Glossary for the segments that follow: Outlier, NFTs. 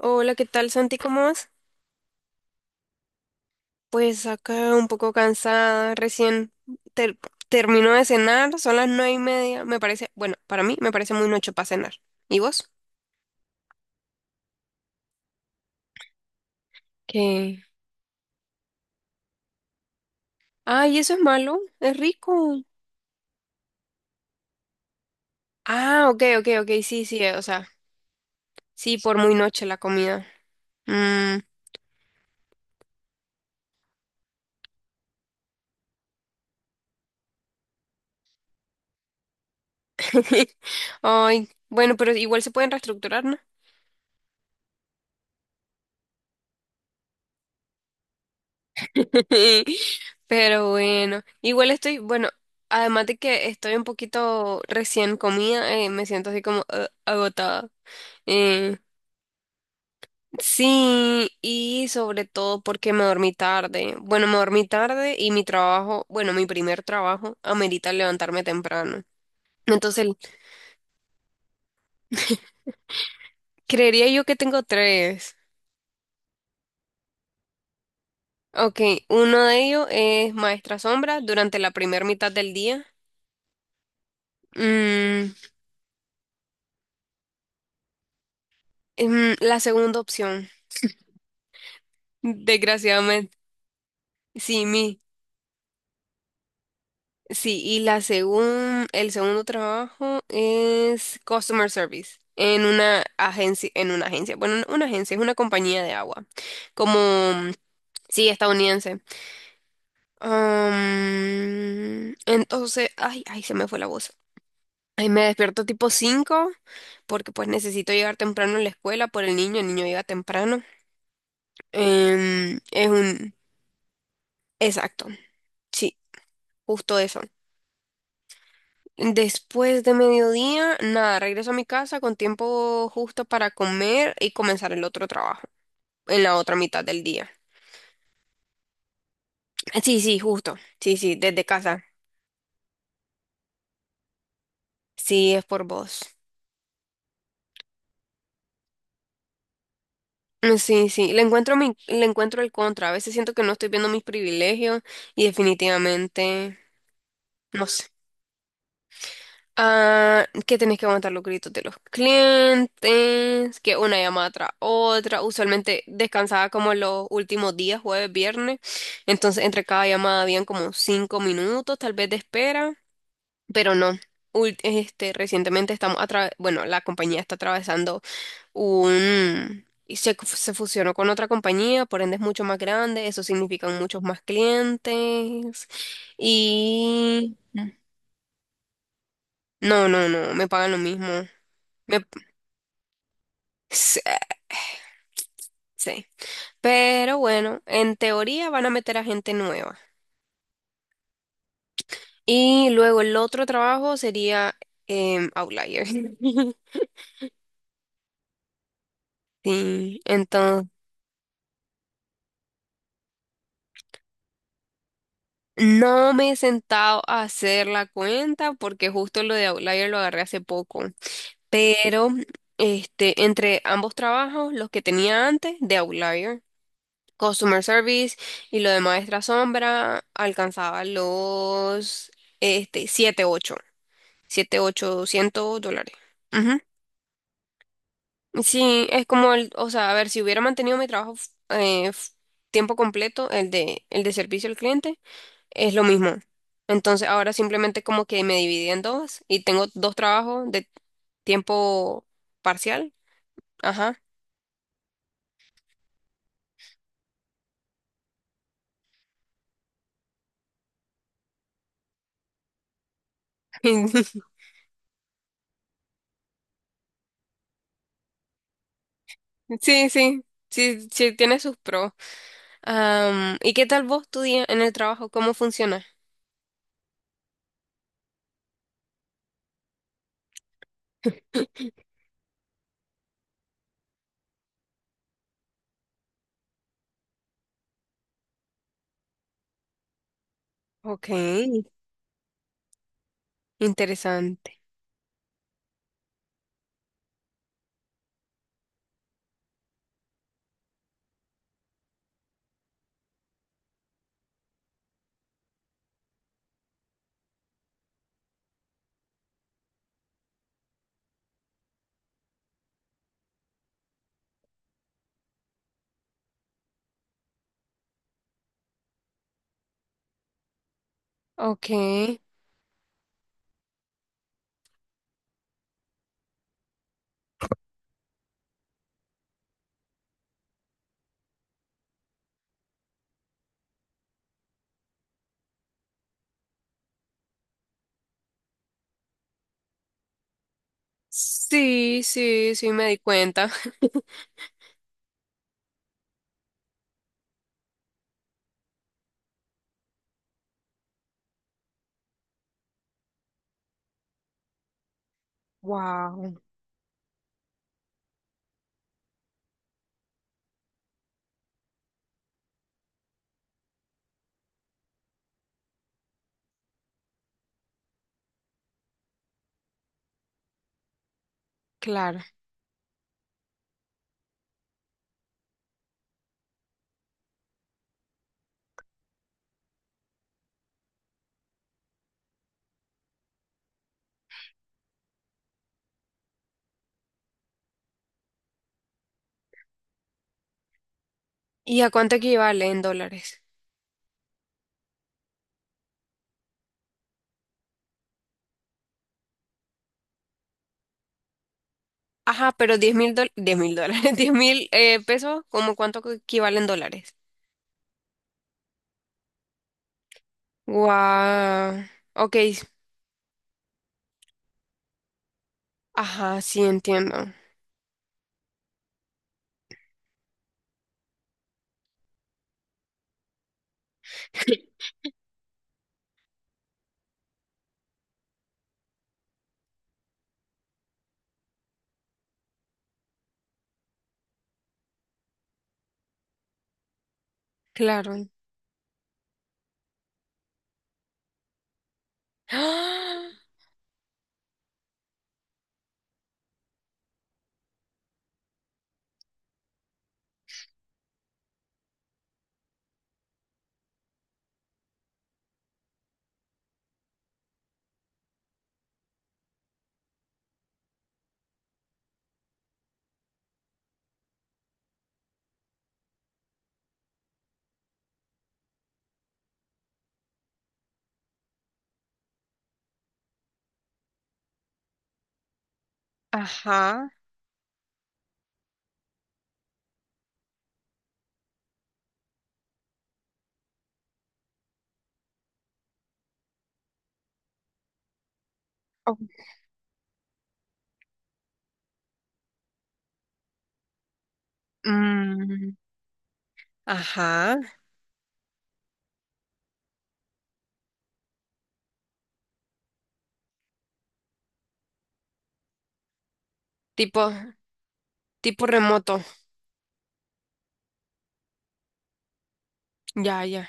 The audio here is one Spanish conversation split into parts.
Hola, ¿qué tal, Santi? ¿Cómo vas? Pues acá un poco cansada, recién ter- termino de cenar, son las 9:30, me parece, bueno, para mí me parece muy noche para cenar. ¿Y vos? ¿Qué? Ay, eso es malo, es rico. Ah, ok, ok, ok, sí, sí, o sea, sí, por muy noche la comida. Mm. Ay, bueno, pero igual se pueden reestructurar, ¿no? Pero bueno, igual estoy, bueno, además de que estoy un poquito recién comida, me siento así como agotada. Eh, sí, y sobre todo porque me dormí tarde. Bueno, me dormí tarde y mi trabajo, bueno, mi primer trabajo amerita levantarme temprano. Entonces, creería yo que tengo tres. Ok, uno de ellos es maestra sombra durante la primera mitad del día. Mm, mm, la segunda opción. Desgraciadamente. Sí, sí, y el segundo trabajo es customer service en una agencia, bueno, no una agencia, es una compañía de agua, como, mm, sí, estadounidense. Entonces, ay, ay, se me fue la voz. Ay, me despierto tipo 5 porque pues necesito llegar temprano a la escuela por el niño llega temprano. Em, es un, exacto, sí, justo eso. Después de mediodía, nada, regreso a mi casa con tiempo justo para comer y comenzar el otro trabajo en la otra mitad del día. Sí, sí, justo. Sí, sí, desde casa. Sí, es por vos. Mm, sí, sí, le encuentro el contra. A veces siento que no estoy viendo mis privilegios y definitivamente no sé. Ah, que tenés que aguantar los gritos de los clientes, que una llamada tras otra. Usualmente descansaba como los últimos días, jueves, viernes. Entonces, entre cada llamada habían como 5 minutos, tal vez de espera, pero no. Este, recientemente bueno, la compañía está atravesando un y se fusionó con otra compañía, por ende es mucho más grande, eso significa muchos más clientes. Y no, no, no, me pagan lo mismo. Sí, sí. Pero bueno, en teoría van a meter a gente nueva. Y luego el otro trabajo sería Outlier. Sí, entonces no me he sentado a hacer la cuenta porque justo lo de Outlier lo agarré hace poco. Pero este, entre ambos trabajos, los que tenía antes de Outlier, Customer Service y lo de Maestra Sombra, alcanzaba los este, Siete, $800. Ujú. Sí, es o sea, a ver, si hubiera mantenido mi trabajo tiempo completo, el de servicio al cliente, es lo mismo. Entonces ahora simplemente como que me dividí en dos y tengo dos trabajos de tiempo parcial. Ajá. Sí, sí, sí, sí, tiene sus pros. ¿Y qué tal vos tu día en el trabajo? ¿Cómo funciona? Ok, interesante. Ok. Sí, sí, sí, me di cuenta. Wow, claro. ¿Y a cuánto equivale en dólares? Ajá, pero $10.000, $10.000, 10.000 pesos, ¿cómo cuánto que equivale en dólares? Wow, ok, ajá, sí entiendo, claro. ¡Ah! Ajá, ok. Mm, ajá, tipo, tipo remoto, ya, ya,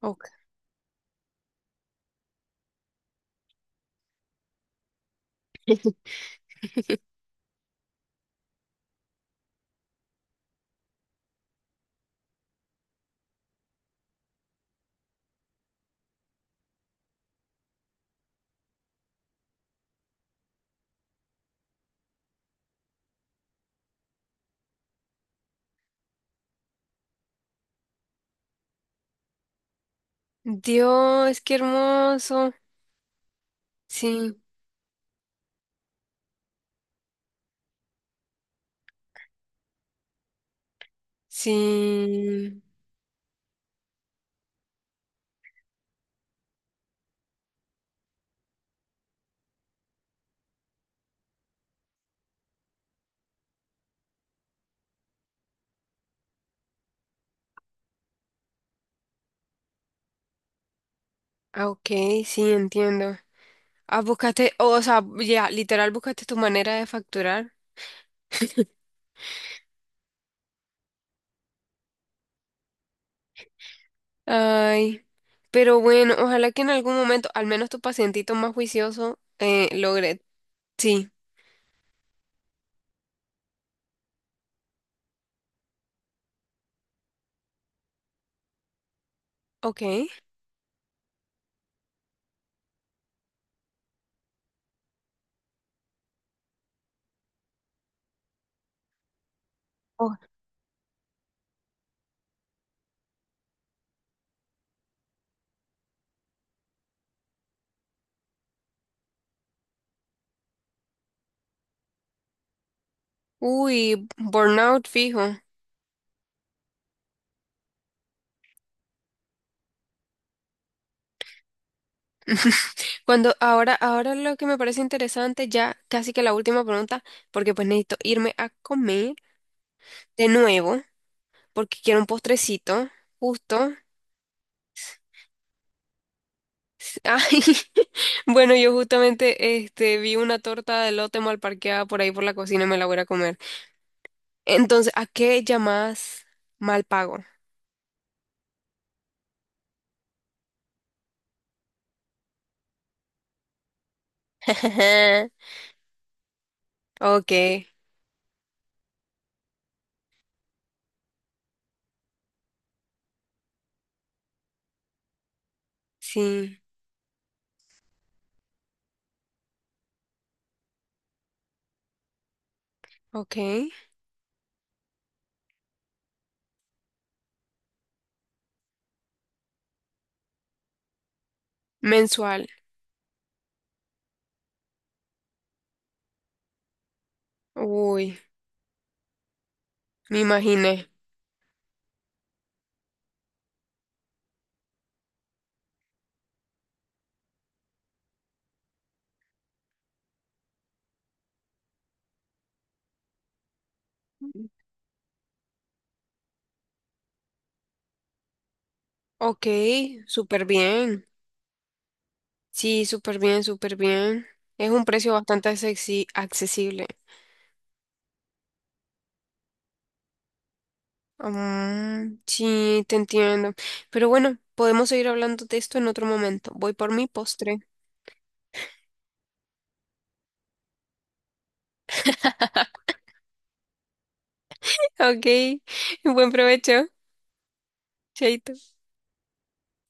ok. Dios, qué hermoso, sí, sí, ah, ok, sí, entiendo. Ah, buscaste, o sea, ya, literal, buscaste tu manera de facturar. Ay, pero bueno, ojalá que en algún momento, al menos tu pacientito más juicioso, logre. Sí, ok. Oh, uy, burnout fijo. Ahora lo que me parece interesante, ya casi que la última pregunta, porque pues necesito irme a comer de nuevo, porque quiero un postrecito, justo. Ay, bueno, yo justamente este, vi una torta de lote mal parqueada por ahí por la cocina y me la voy a ir a comer. Entonces, ¿a qué llamas mal pago? Ok, sí, ok. Mensual. Uy, me imaginé. Ok, súper bien. Sí, súper bien, súper bien. Es un precio bastante accesible. Mm, sí, te entiendo. Pero bueno, podemos seguir hablando de esto en otro momento. Voy por mi postre. Ok, buen provecho, chaito.